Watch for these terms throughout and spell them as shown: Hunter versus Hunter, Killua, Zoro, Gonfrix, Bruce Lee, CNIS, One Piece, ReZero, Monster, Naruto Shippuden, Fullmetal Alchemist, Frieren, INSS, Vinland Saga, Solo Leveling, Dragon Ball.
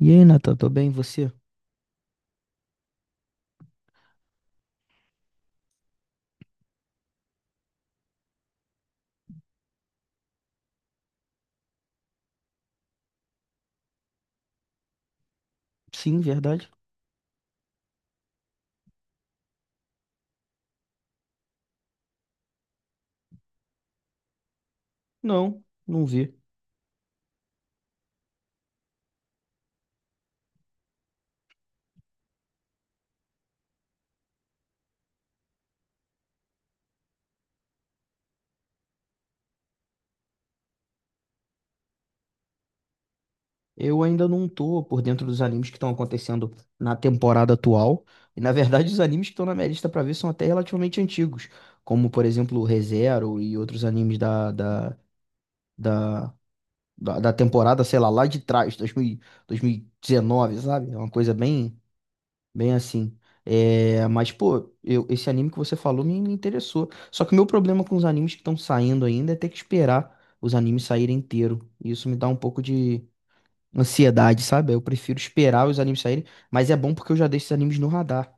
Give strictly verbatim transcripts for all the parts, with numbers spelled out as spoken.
E aí, Nathan, tô bem? e você? Sim, verdade? Não, não vi. Eu ainda não tô por dentro dos animes que estão acontecendo na temporada atual. E na verdade, os animes que estão na minha lista pra ver são até relativamente antigos, como por exemplo o ReZero e outros animes da, da, da, da, da temporada, sei lá, lá de trás, dois dois mil dois mil e dois mil e dezenove, sabe? É uma coisa bem, Bem assim. É, mas, pô, eu- esse anime que você falou me, me interessou. Só que o meu problema com os animes que estão saindo ainda é ter que esperar os animes saírem inteiro. E isso me dá um pouco de ansiedade, sabe? Eu prefiro esperar os animes saírem, mas é bom porque eu já deixo esses animes no radar.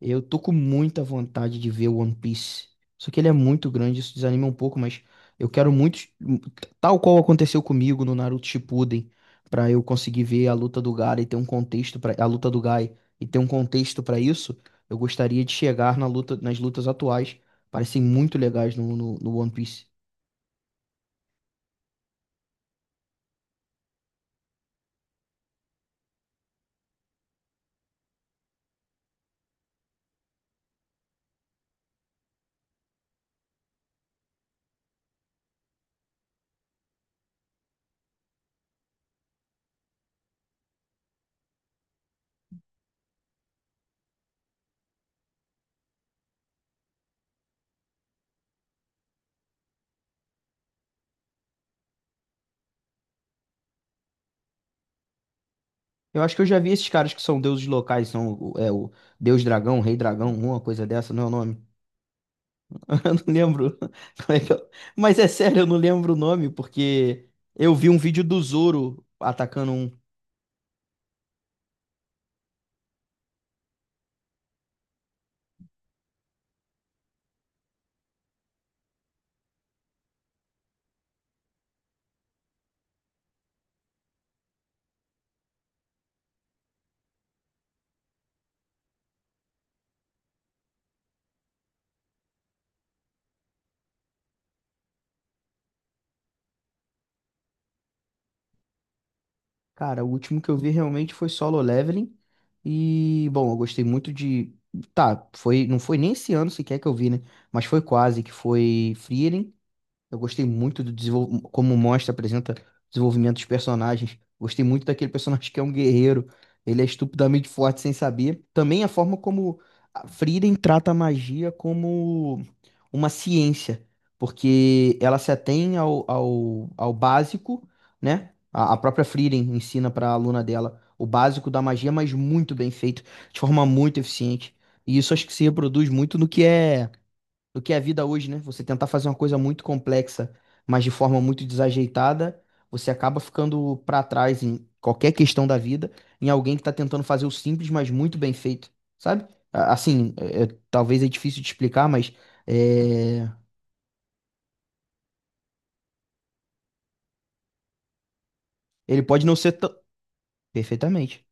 Eu tô com muita vontade de ver One Piece. Só que ele é muito grande, isso desanima um pouco, mas eu quero muito, tal qual aconteceu comigo no Naruto Shippuden, pra eu conseguir ver a luta do Gaara e ter um contexto para a luta do Gai e ter um contexto pra isso. Eu gostaria de chegar na luta, nas lutas atuais, parecem muito legais no, no, no One Piece. Eu acho que eu já vi esses caras que são deuses locais, são o- é, o Deus Dragão, Rei Dragão, uma coisa dessa, não é o nome? Eu não lembro como é que eu- Mas é sério, eu não lembro o nome, porque eu vi um vídeo do Zoro atacando um. Cara, o último que eu vi realmente foi Solo Leveling. E, bom, eu gostei muito de. Tá, foi, não foi nem esse ano sequer que eu vi, né? Mas foi quase, que foi Frieren. Eu gostei muito do desenvol... como mostra, apresenta o desenvolvimento dos personagens. Gostei muito daquele personagem que é um guerreiro. Ele é estupidamente forte sem saber. Também a forma como a Frieren trata a magia como uma ciência, porque ela se atém ao, ao, ao básico, né? A, a própria Frieren ensina para a aluna dela o básico da magia, mas muito bem feito, de forma muito eficiente. E isso acho que se reproduz muito no que é do que é a vida hoje, né? Você tentar fazer uma coisa muito complexa, mas de forma muito desajeitada, você acaba ficando pra trás em qualquer questão da vida, em alguém que tá tentando fazer o simples, mas muito bem feito, sabe? A- Assim, é- é- talvez é difícil de explicar, mas é, ele pode não ser tão. Perfeitamente.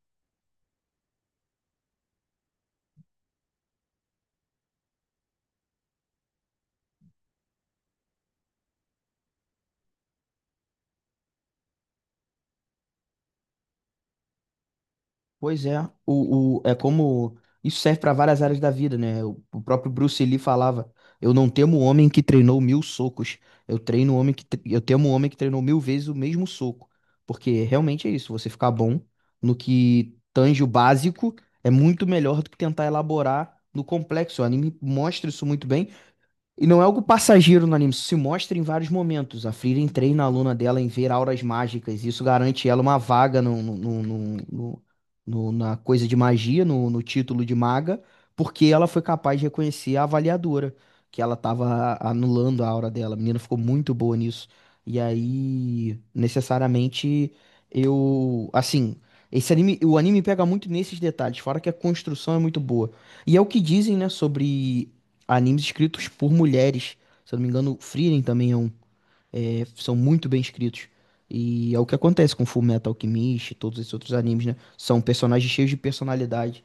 Pois é, o, o, é como isso serve para várias áreas da vida, né? O, o próprio Bruce Lee falava: "Eu não temo o homem que treinou mil socos, eu treino o homem que tre- eu temo o homem que treinou mil vezes o mesmo soco." Porque realmente é isso, você ficar bom no que tange o básico é muito melhor do que tentar elaborar no complexo. O anime mostra isso muito bem. E não é algo passageiro no anime, isso se mostra em vários momentos. A Frieren treina a aluna dela em ver auras mágicas, e isso garante ela uma vaga no, no- no- no- no- no- na coisa de magia, no, no título de maga, porque ela foi capaz de reconhecer a avaliadora, que ela estava anulando a aura dela. A menina ficou muito boa nisso. E aí, necessariamente, eu. Assim, esse anime, o anime pega muito nesses detalhes, fora que a construção é muito boa. E é o que dizem, né, sobre Animes escritos por mulheres. Se eu não me engano, Frieren também é um, é, são muito bem escritos. E é o que acontece com Fullmetal Alchemist e todos esses outros animes, né? São personagens cheios de personalidade.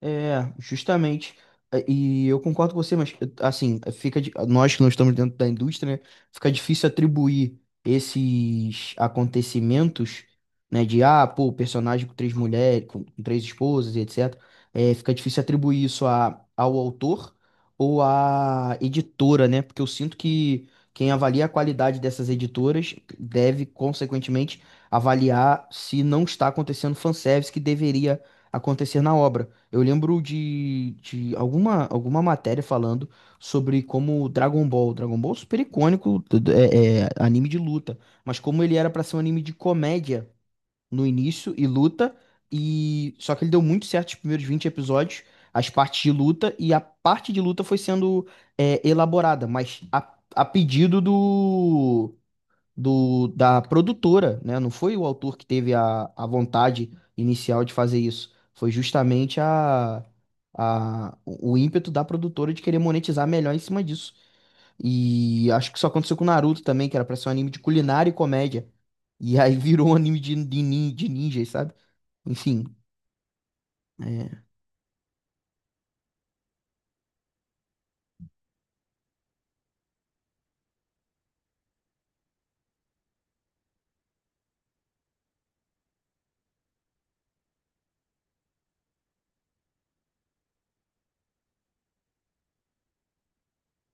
É, justamente. É, E eu concordo com você, mas assim, fica di- nós que não estamos dentro da indústria, né, fica difícil atribuir esses acontecimentos, né, de ah, pô, personagem com três mulheres, com com três esposas e et cetera. É, fica difícil atribuir isso a, ao autor ou à editora, né? Porque eu sinto que quem avalia a qualidade dessas editoras deve, consequentemente, avaliar se não está acontecendo fanservice que deveria acontecer na obra. Eu lembro de, de alguma, alguma matéria falando sobre como Dragon Ball, Dragon Ball é super icônico, tudo- é, é anime de luta, mas como ele era pra ser um anime de comédia no início e luta, e só que ele deu muito certo os primeiros vinte episódios, as partes de luta, e a parte de luta foi sendo é, elaborada, mas a, a pedido do, do, da produtora, né? Não foi o autor que teve a, a vontade inicial de fazer isso. Foi justamente a, a, o ímpeto da produtora de querer monetizar melhor em cima disso. E acho que isso aconteceu com Naruto também, que era pra ser um anime de culinária e comédia. E aí virou um anime de, de, nin- de ninjas, sabe? Enfim. é.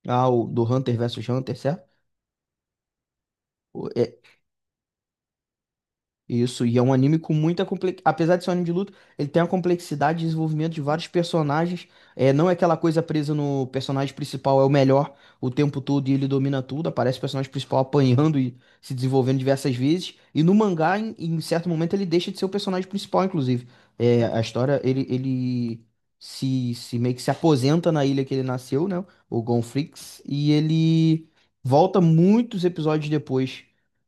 Ah, o do Hunter versus Hunter, certo? O- é- Isso, e é um anime com muita complexidade. Apesar de ser um anime de luta, ele tem uma complexidade de desenvolvimento de vários personagens. É, não é aquela coisa presa no personagem principal, é o melhor o tempo todo e ele domina tudo. Aparece o personagem principal apanhando e se desenvolvendo diversas vezes. E no mangá, em, em certo momento, ele deixa de ser o personagem principal, inclusive. É, a história, ele, ele se, se meio que se aposenta na ilha que ele nasceu, né? O Gonfrix, e ele volta muitos episódios depois.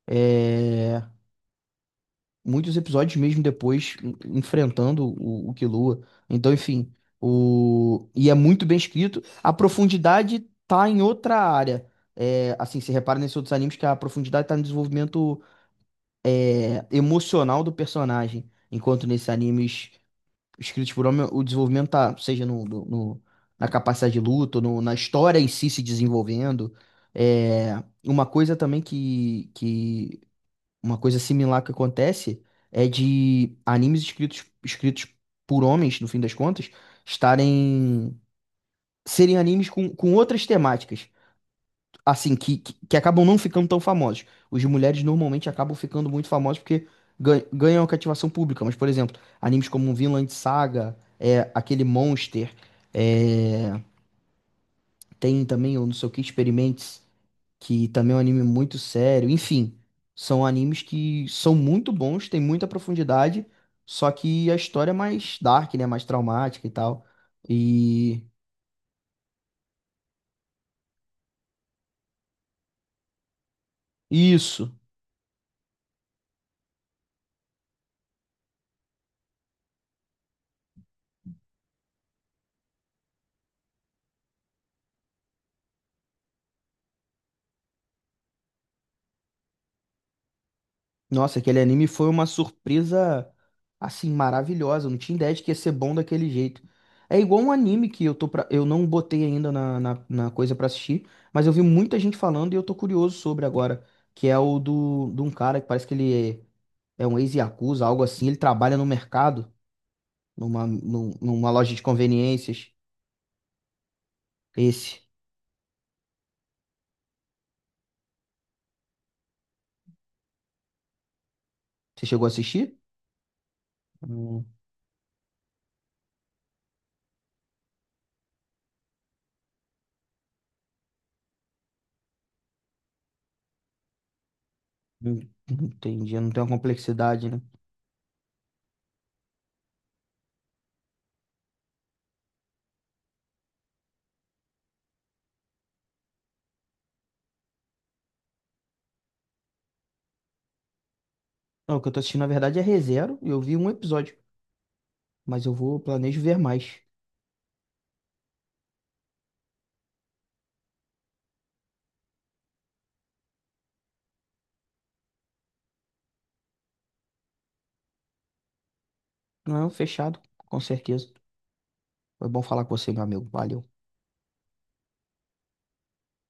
É, muitos episódios mesmo depois en- enfrentando o, o Killua. Então, enfim, o e é muito bem escrito. A profundidade tá em outra área. É, assim, se repara nesses outros animes que a profundidade tá no desenvolvimento é, emocional do personagem, enquanto nesses animes escritos por homem, o desenvolvimento tá, seja no, no- no- na capacidade de luta, ou no- na história em si se desenvolvendo. É, uma coisa também que, que uma coisa similar que acontece é de animes escritos, escritos por homens, no fim das contas, estarem serem animes com, com outras temáticas, assim, que, que, que acabam não ficando tão famosos. Os de mulheres normalmente acabam ficando muito famosos porque gan- ganham a cativação pública, mas, por exemplo, animes como Vinland Saga, é, aquele Monster, é, tem também o não sei o que, Experiments que também é um anime muito sério. Enfim, são animes que são muito bons, tem muita profundidade, só que a história é mais dark, né? Mais traumática e tal. E isso. Nossa, aquele anime foi uma surpresa assim maravilhosa. Eu não tinha ideia de que ia ser bom daquele jeito. É igual um anime que eu tô pra... eu não botei ainda na, na, na coisa pra assistir, mas eu vi muita gente falando e eu tô curioso sobre agora, que é o do de um cara que parece que ele é é um ex-yakuza, algo assim. Ele trabalha no mercado, numa, num- numa loja de conveniências. Esse. Você chegou a assistir? Não, não- não entendi, não tem uma complexidade, né? Não, o que eu tô assistindo, na verdade, é ReZero e eu vi um episódio. Mas eu vou, planejo ver mais. Não, fechado, com certeza. Foi bom falar com você, meu amigo. Valeu.